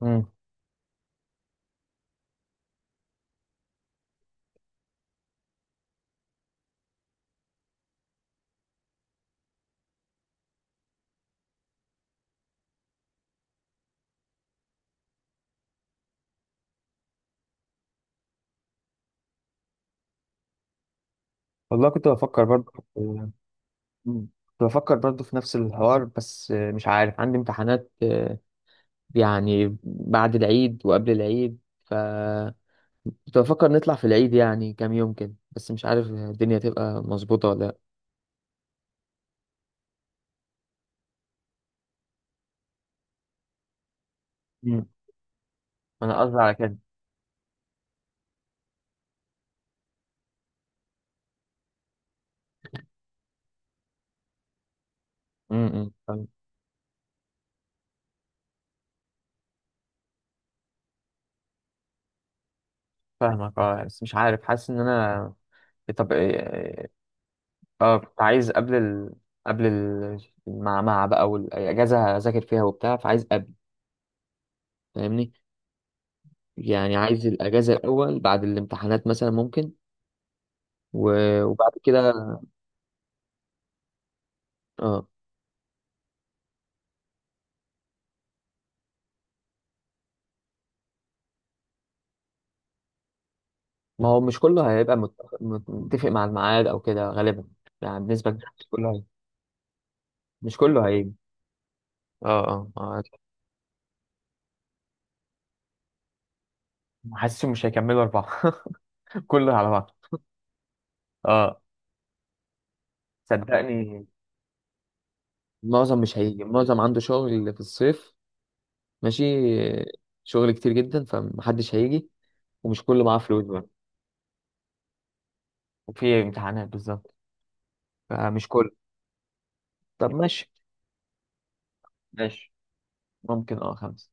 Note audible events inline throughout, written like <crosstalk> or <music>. مم. والله كنت بفكر برضه كنت بفكر برضه في نفس الحوار، بس مش عارف عندي امتحانات، يعني بعد العيد وقبل العيد. ف كنت بفكر نطلع في العيد، يعني كام يوم كده، بس مش عارف الدنيا تبقى مظبوطة ولا لا. مم. انا قصدي على كده. امم فاهم- فاهمك اه، بس مش عارف، حاسس ان انا. طب إيه- اه كنت عايز قبل ال... قبل ال... مع بقى والاجازه اذاكر فيها وبتاع، فعايز قبل، فاهمني. يعني عايز الأجازة الأول بعد الامتحانات مثلا ممكن، وبعد كده. اه. ما هو مش كله هيبقى متفق مع الميعاد أو كده غالبا. يعني بنسبة كبيرة مش كله مش كله هيجي. اه اه آه، حاسسهم مش هيكملوا أربعة <laughs> كله على بعض اه. صدقني معظم مش هيجي، معظم عنده شغل في الصيف. ماشي. شغل كتير جدا فمحدش هيجي، ومش كله معاه فلوس بقى. وفي امتحانات بالظبط. فمش كله. طب ماشي. ماشي، ممكن اه خمسة.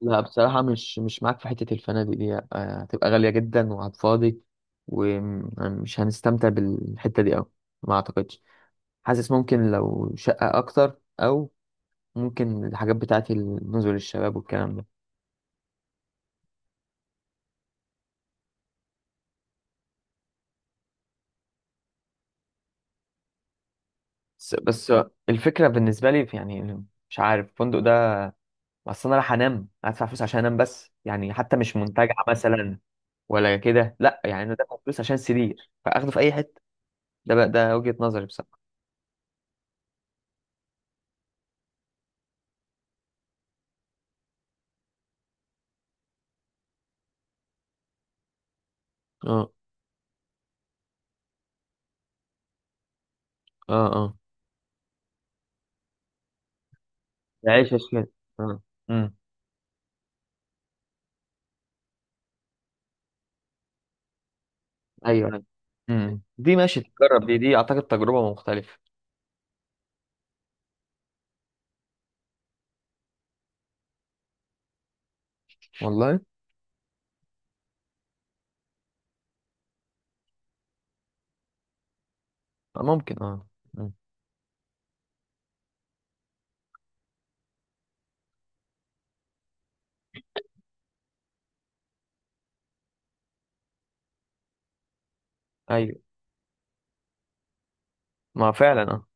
لا بصراحة مش معاك في حتة الفنادق دي، هتبقى غالية جدا وهتفاضي، ومش هنستمتع بالحتة دي أوي. ما أعتقدش. حاسس ممكن لو شقة أكتر، أو ممكن الحاجات بتاعت نزل الشباب والكلام ده. بس الفكرة بالنسبة لي يعني مش عارف الفندق ده. أصل أنا رايح أنام، هدفع فلوس عشان أنام بس، يعني حتى مش منتجع مثلا ولا كده. لا يعني أنا دافع فلوس عشان سرير فأخده في أي حتة. ده بقى ده وجهة نظري بصراحة. اه اه اه العيش الشمال اه. امم ايوه أيوة. دي ماشي تجرب، دي اعتقد تجربة مختلفة. والله، ممكن اه. مم. ايوه. ما فعلا اه.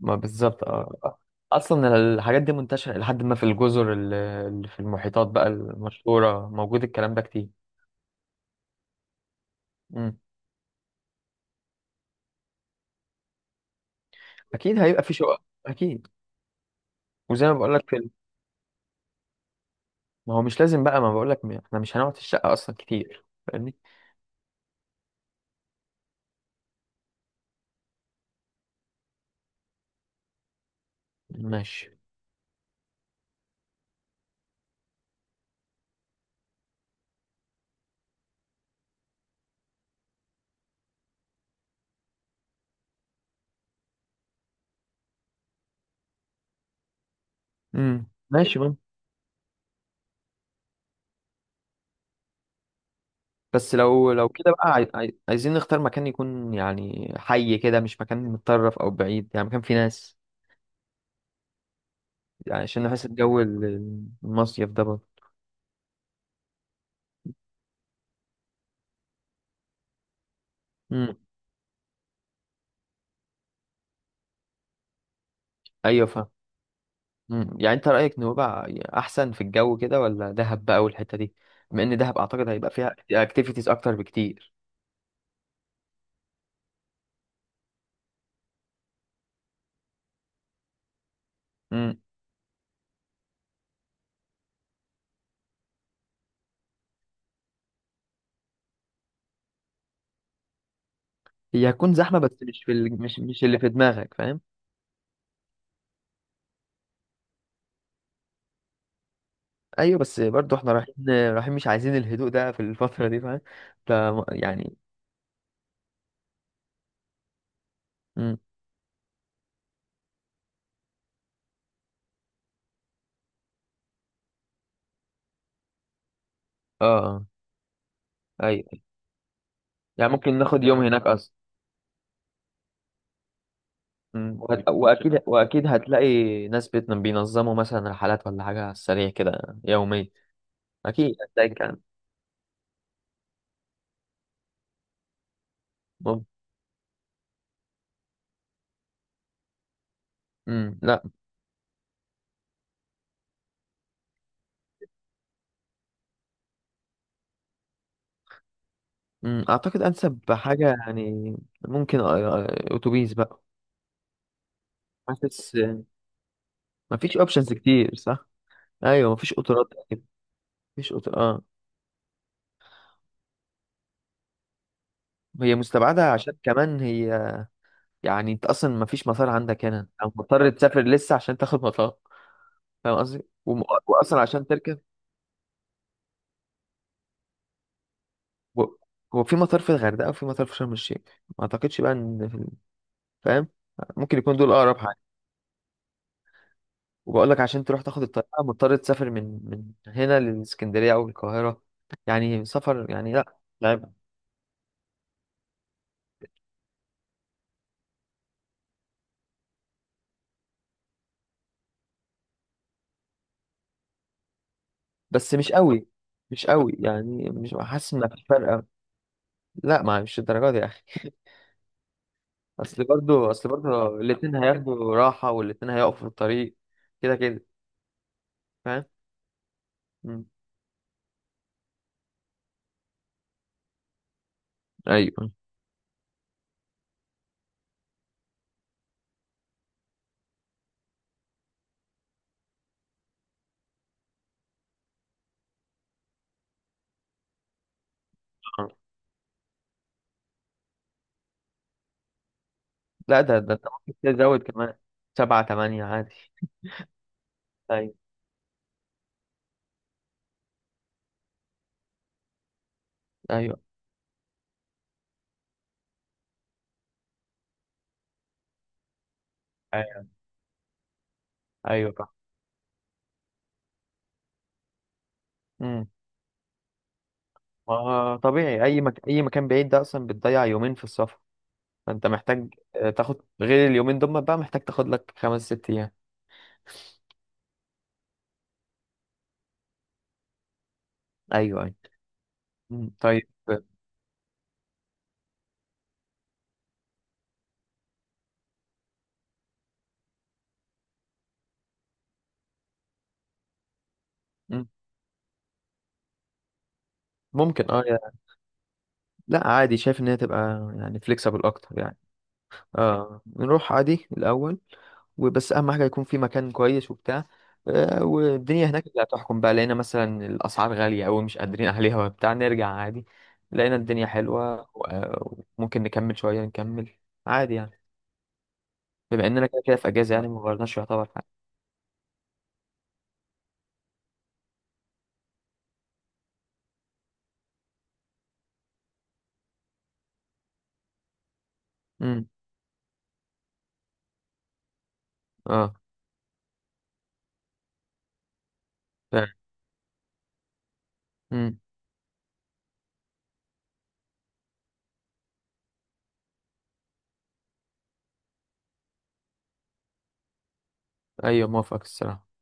ما بالظبط اه. اصلا الحاجات دي منتشره لحد ما في الجزر اللي في المحيطات بقى المشهوره، موجود الكلام ده كتير. مم. اكيد هيبقى في شقق اكيد. وزي ما بقول لك في ما هو مش لازم بقى، ما بقول لك احنا مش هنقعد في الشقه اصلا كتير فاهمني. ماشي. ماشي ممكن. بس لو كده بقى، عايزين نختار مكان يكون يعني حي كده، مش مكان متطرف او بعيد، يعني مكان فيه ناس. يعني عشان نحس الجو المصيف ده برضه. امم ايوه فاهم. يعني انت رايك نوبة احسن في الجو كده، ولا دهب بقى والحته دي؟ بما ان دهب اعتقد هيبقى فيها اكتيفيتيز اكتر بكتير. امم هي هتكون زحمه، بس مش في ال... مش اللي في دماغك فاهم. ايوه، بس برضه احنا رايحين، رايحين مش عايزين الهدوء ده في الفتره دي فاهم. ف يعني امم اه آه. ايوه. يعني ممكن ناخد يوم هناك اصلا. واكيد واكيد هتلاقي ناس بينظموا مثلا رحلات ولا حاجه على السريع كده يوميا. اكيد هتلاقي كان. لا. اعتقد انسب حاجه يعني ممكن اتوبيس بقى. حاسس مفيش اوبشنز كتير صح. ايوه مفيش قطارات كده. مفيش قطار اه. هي مستبعده عشان كمان هي. يعني انت اصلا مفيش مطار عندك هنا، او مضطر تسافر لسه عشان تاخد مطار. فاهم قصدي. واصلا عشان تركب. و- هو في مطار في الغردقة وفي مطار في شرم الشيخ. ما اعتقدش بقى ان في فاهم. ممكن يكون دول اقرب حاجة. وبقول لك عشان تروح تاخد الطيارة مضطر تسافر من هنا للإسكندرية او القاهرة، يعني سفر يعني لا، تعب. بس مش قوي. مش قوي يعني، مش حاسس ان مفيش فرق أوي. لا، ما مش الدرجة دي يا اخي <laughs> اصل برضو الاتنين هياخدوا راحة، والاتنين هيقفوا في الطريق، كده كده. فاهم. مم. ايوه. لا، ده انت ممكن تزود كمان سبعة تمانية عادي. ايوه ايوه. أي- ايوه فاهم. امم ما هو طبيعي، اي اي مكان بعيد ده اصلا بتضيع يومين في السفر. فانت محتاج تاخد غير اليومين دول بقى، محتاج تاخد لك خمس ست ايام. ايوه ايوه. مم. طيب. مم. ممكن اه لا عادي. شايف ان هي تبقى يعني فليكسبل اكتر يعني. اه، نروح عادي الأول، وبس أهم حاجة يكون في مكان كويس وبتاع. والدنيا هناك اللي هتحكم بقى. لقينا مثلا الأسعار غالية أوي مش قادرين <laughs> أهليها وبتاع، نرجع عادي. لقينا الدنيا حلوة، وممكن نكمل شوية، نكمل عادي يعني. بما إننا كده كده في أجازة، يعني مغيرناش يعتبر حاجة. امم اه فعلا. امم أيوة موافق الصراحة.